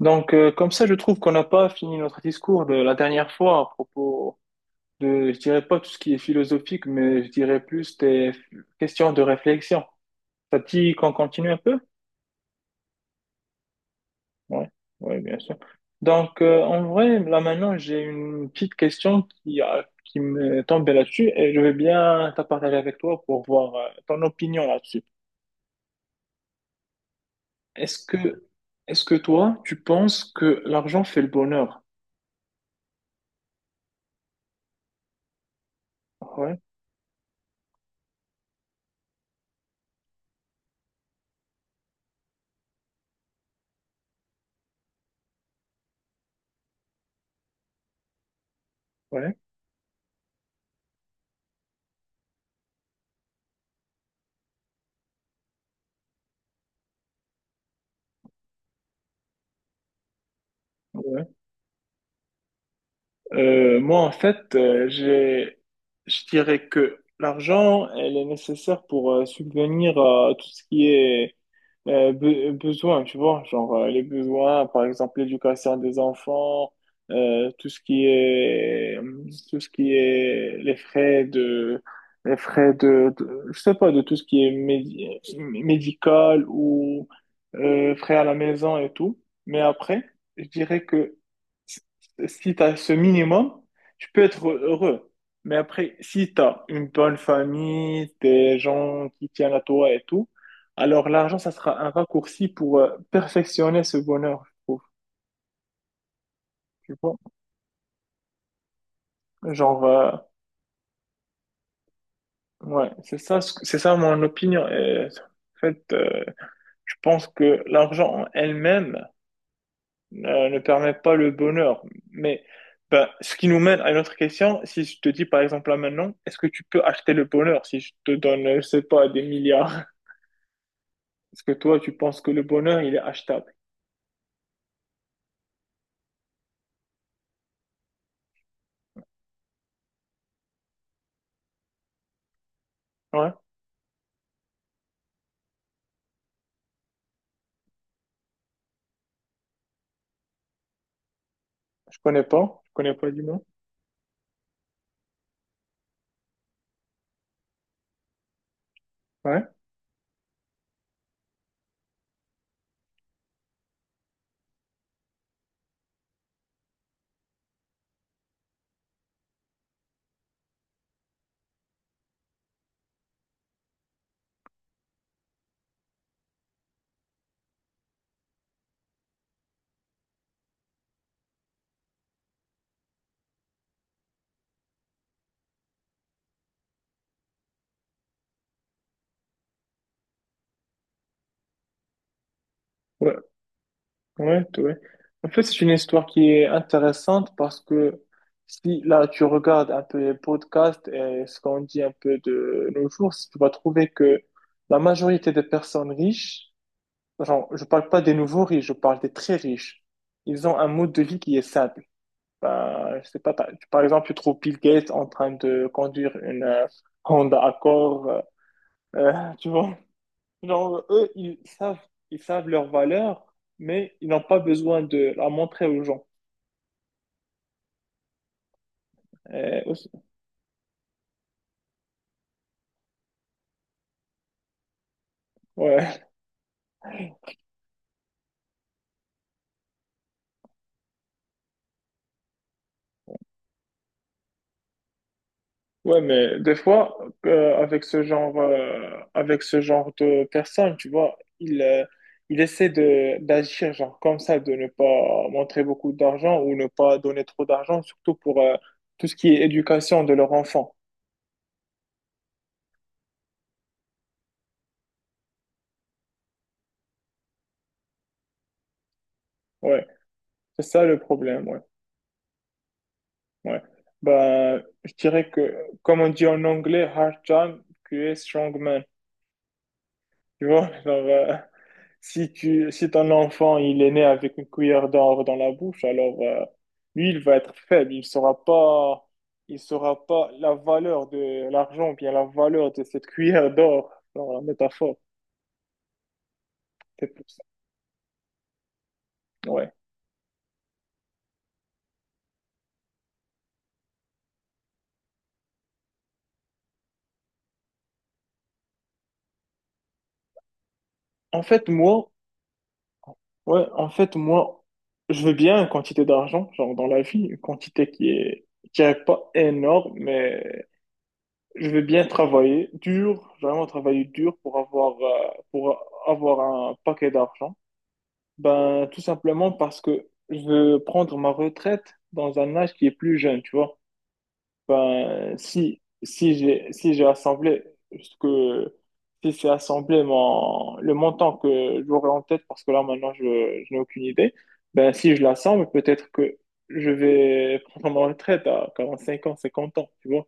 Donc, comme ça, je trouve qu'on n'a pas fini notre discours de la dernière fois à propos de, je dirais pas tout ce qui est philosophique, mais je dirais plus des questions de réflexion. Ça te dit qu'on continue un peu? Ouais, ouais, bien sûr. Donc, en vrai, là maintenant, j'ai une petite question qui me tombe là-dessus et je veux bien t'en partager avec toi pour voir ton opinion là-dessus. Est-ce que, est-ce que toi, tu penses que l'argent fait le bonheur? Ouais, ouais, ouais. Moi, en fait, je dirais que l'argent, elle est nécessaire pour subvenir à tout ce qui est besoin, tu vois, genre les besoins, par exemple l'éducation des enfants, euh, tout ce qui est, tout ce qui est les frais de, je sais pas, de tout ce qui est médical ou frais à la maison et tout. Mais après, je dirais que si tu as ce minimum, tu peux être heureux. Mais après, si tu as une bonne famille, des gens qui tiennent à toi et tout, alors l'argent, ça sera un raccourci pour perfectionner ce bonheur, je trouve. Tu vois? Genre, ouais, c'est ça, c'est ça mon opinion. Et, en fait, je pense que l'argent en elle-même, ne permet pas le bonheur. Mais ben, ce qui nous mène à une autre question, si je te dis par exemple là maintenant, est-ce que tu peux acheter le bonheur si je te donne, je sais pas, des milliards? Est-ce que toi, tu penses que le bonheur, il est achetable? Ouais, je connais pas du moins. Ouais, ouais, ouais, ouais. En fait, c'est une histoire qui est intéressante parce que si là, tu regardes un peu les podcasts et ce qu'on dit un peu de nos jours, tu vas trouver que la majorité des personnes riches. Genre, je parle pas des nouveaux riches, je parle des très riches. Ils ont un mode de vie qui est simple. Bah, je sais pas, par exemple, tu trouves Bill Gates en train de conduire une Honda Accord, tu vois. Genre, eux, ils savent leur valeur, mais ils n'ont pas besoin de la montrer aux gens. Euh, aussi- ouais. Ouais, mais des fois, avec ce genre de personnes, tu vois, il ils essaient de d'agir genre comme ça, de ne pas montrer beaucoup d'argent ou ne pas donner trop d'argent, surtout pour tout ce qui est éducation de leur enfant. Ouais, c'est ça le problème. Ouais, ouais. Ben, je dirais que, comme on dit en anglais, hard time creates strong man. Tu vois, genre, si ton enfant il est né avec une cuillère d'or dans la bouche, alors lui il va être faible, il saura pas la valeur de l'argent, bien la valeur de cette cuillère d'or dans la métaphore. C'est pour ça. Ouais. En fait moi, ouais, je veux bien une quantité d'argent, genre dans la vie, une quantité qui est pas énorme, mais je veux bien travailler dur, vraiment travailler dur pour avoir un paquet d'argent. Ben, tout simplement parce que je veux prendre ma retraite dans un âge qui est plus jeune, tu vois. Ben, si j'ai assemblé, ce que, si j'ai assemblé le montant que j'aurais en tête, parce que là, maintenant, je n'ai aucune idée, ben, si je l'assemble, peut-être que je vais prendre ma retraite à 45 ans, 50 ans, tu vois.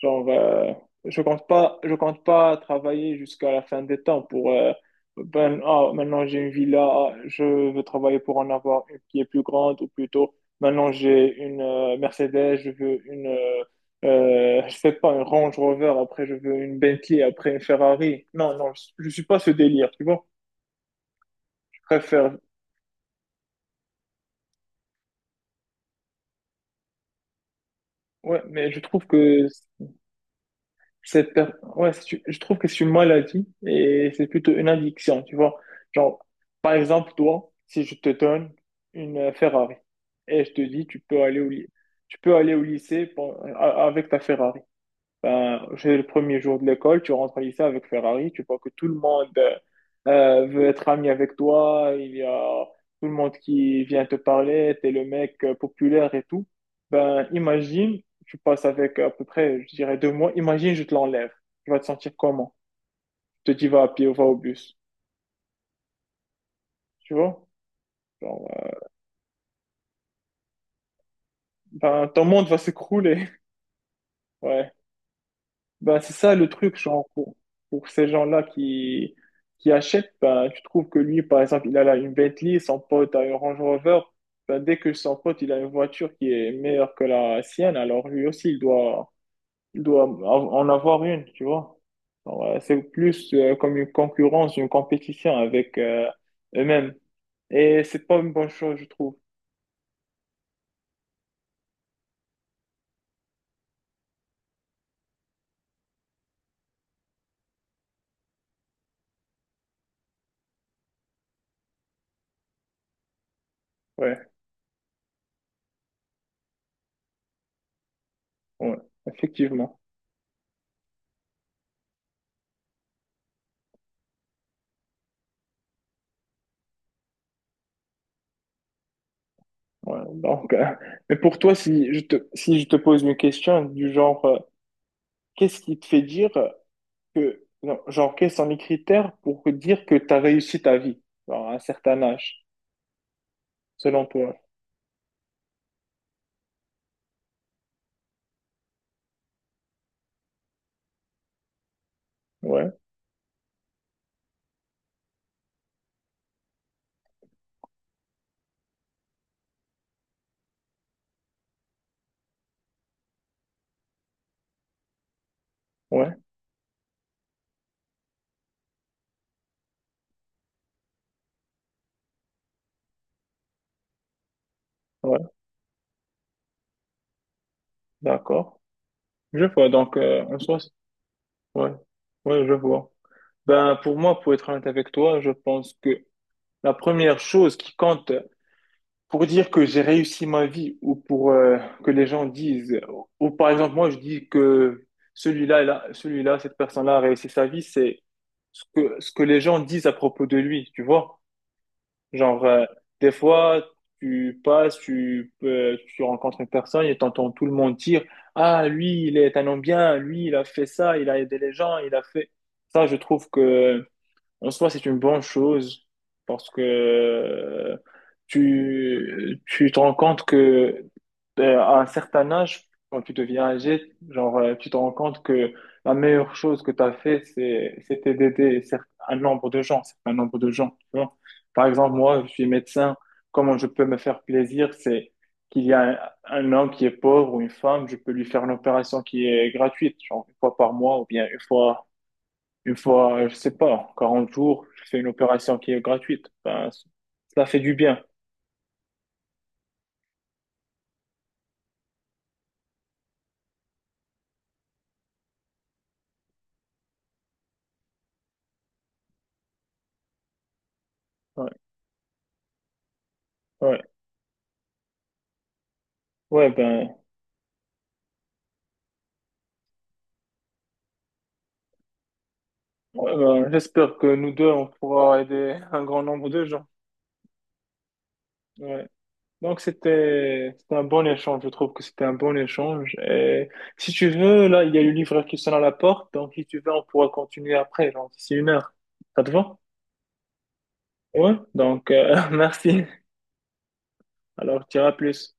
Genre, je compte pas travailler jusqu'à la fin des temps pour ben, ah, maintenant j'ai une villa, ah, je veux travailler pour en avoir une qui est plus grande ou plutôt maintenant j'ai une Mercedes, je veux je sais pas, une Range Rover, après je veux une Bentley, après une Ferrari. Non, non, je suis pas ce délire, tu vois. Je préfère, ouais, mais je trouve que Cette per- ouais, je trouve que c'est une maladie et c'est plutôt une addiction, tu vois. Genre, par exemple, toi, si je te donne une Ferrari et je te dis, tu peux aller au lycée avec ta Ferrari. Ben, c'est le premier jour de l'école, tu rentres au lycée avec Ferrari, tu vois que tout le monde veut être ami avec toi, il y a tout le monde qui vient te parler, t'es le mec populaire et tout. Ben, imagine, tu passes avec à peu près, je dirais 2 mois, imagine, je te l'enlève. Tu vas te sentir comment? Je te dis, va à pied ou va au bus. Tu vois? Genre, ben, ton monde va s'écrouler. Ouais. Bah, c'est ça le truc, genre, pour ces gens-là qui achètent, ben, tu trouves que lui, par exemple, il a là une Bentley, son pote a une Range Rover, ben, dès que son pote, il a une voiture qui est meilleure que la sienne, alors lui aussi, il doit en avoir une, tu vois. Alors, c'est plus comme une concurrence, une compétition avec eux-mêmes. Et c'est pas une bonne chose, je trouve. Ouais, ouais, effectivement. Ouais, donc, mais pour toi, si je te pose une question du genre, qu'est-ce qui te fait dire que, non, genre, quels sont les critères pour dire que tu as réussi ta vie, genre, à un certain âge, selon toi? Ouais, ouais, ouais, d'accord. Je vois, donc, en soi, ouais, ouais, je vois. Ben, pour moi, pour être honnête avec toi, je pense que la première chose qui compte pour dire que j'ai réussi ma vie ou pour que les gens disent, ou par exemple, moi, je dis que cette personne-là a réussi sa vie, c'est ce que les gens disent à propos de lui, tu vois? Genre, des fois, tu passes, tu rencontres une personne et t'entends tout le monde dire, Ah, lui, il est un homme bien, lui, il a fait ça, il a aidé les gens, il a fait... Ça, je trouve que, en soi, c'est une bonne chose parce que tu te rends compte que à un certain âge, quand tu deviens âgé, genre, tu te rends compte que la meilleure chose que tu as fait, c'était d'aider un nombre de gens, un nombre de gens, tu vois. Par exemple, moi, je suis médecin. Comment je peux me faire plaisir, c'est qu'il y a un homme qui est pauvre ou une femme, je peux lui faire une opération qui est gratuite, genre une fois par mois ou bien une fois, je sais pas, 40 jours, je fais une opération qui est gratuite. Ben, ça fait du bien. Ouais, ouais, ouais, ben. Ouais, ben, j'espère que nous deux, on pourra aider un grand nombre de gens. Ouais. Donc, c'était un bon échange. Je trouve que c'était un bon échange. Et si tu veux, là, il y a le livreur qui sonne à la porte. Donc, si tu veux, on pourra continuer après, genre d'ici une heure. Ça te va? Ouais. Donc, merci. Alors, tu dirai plus.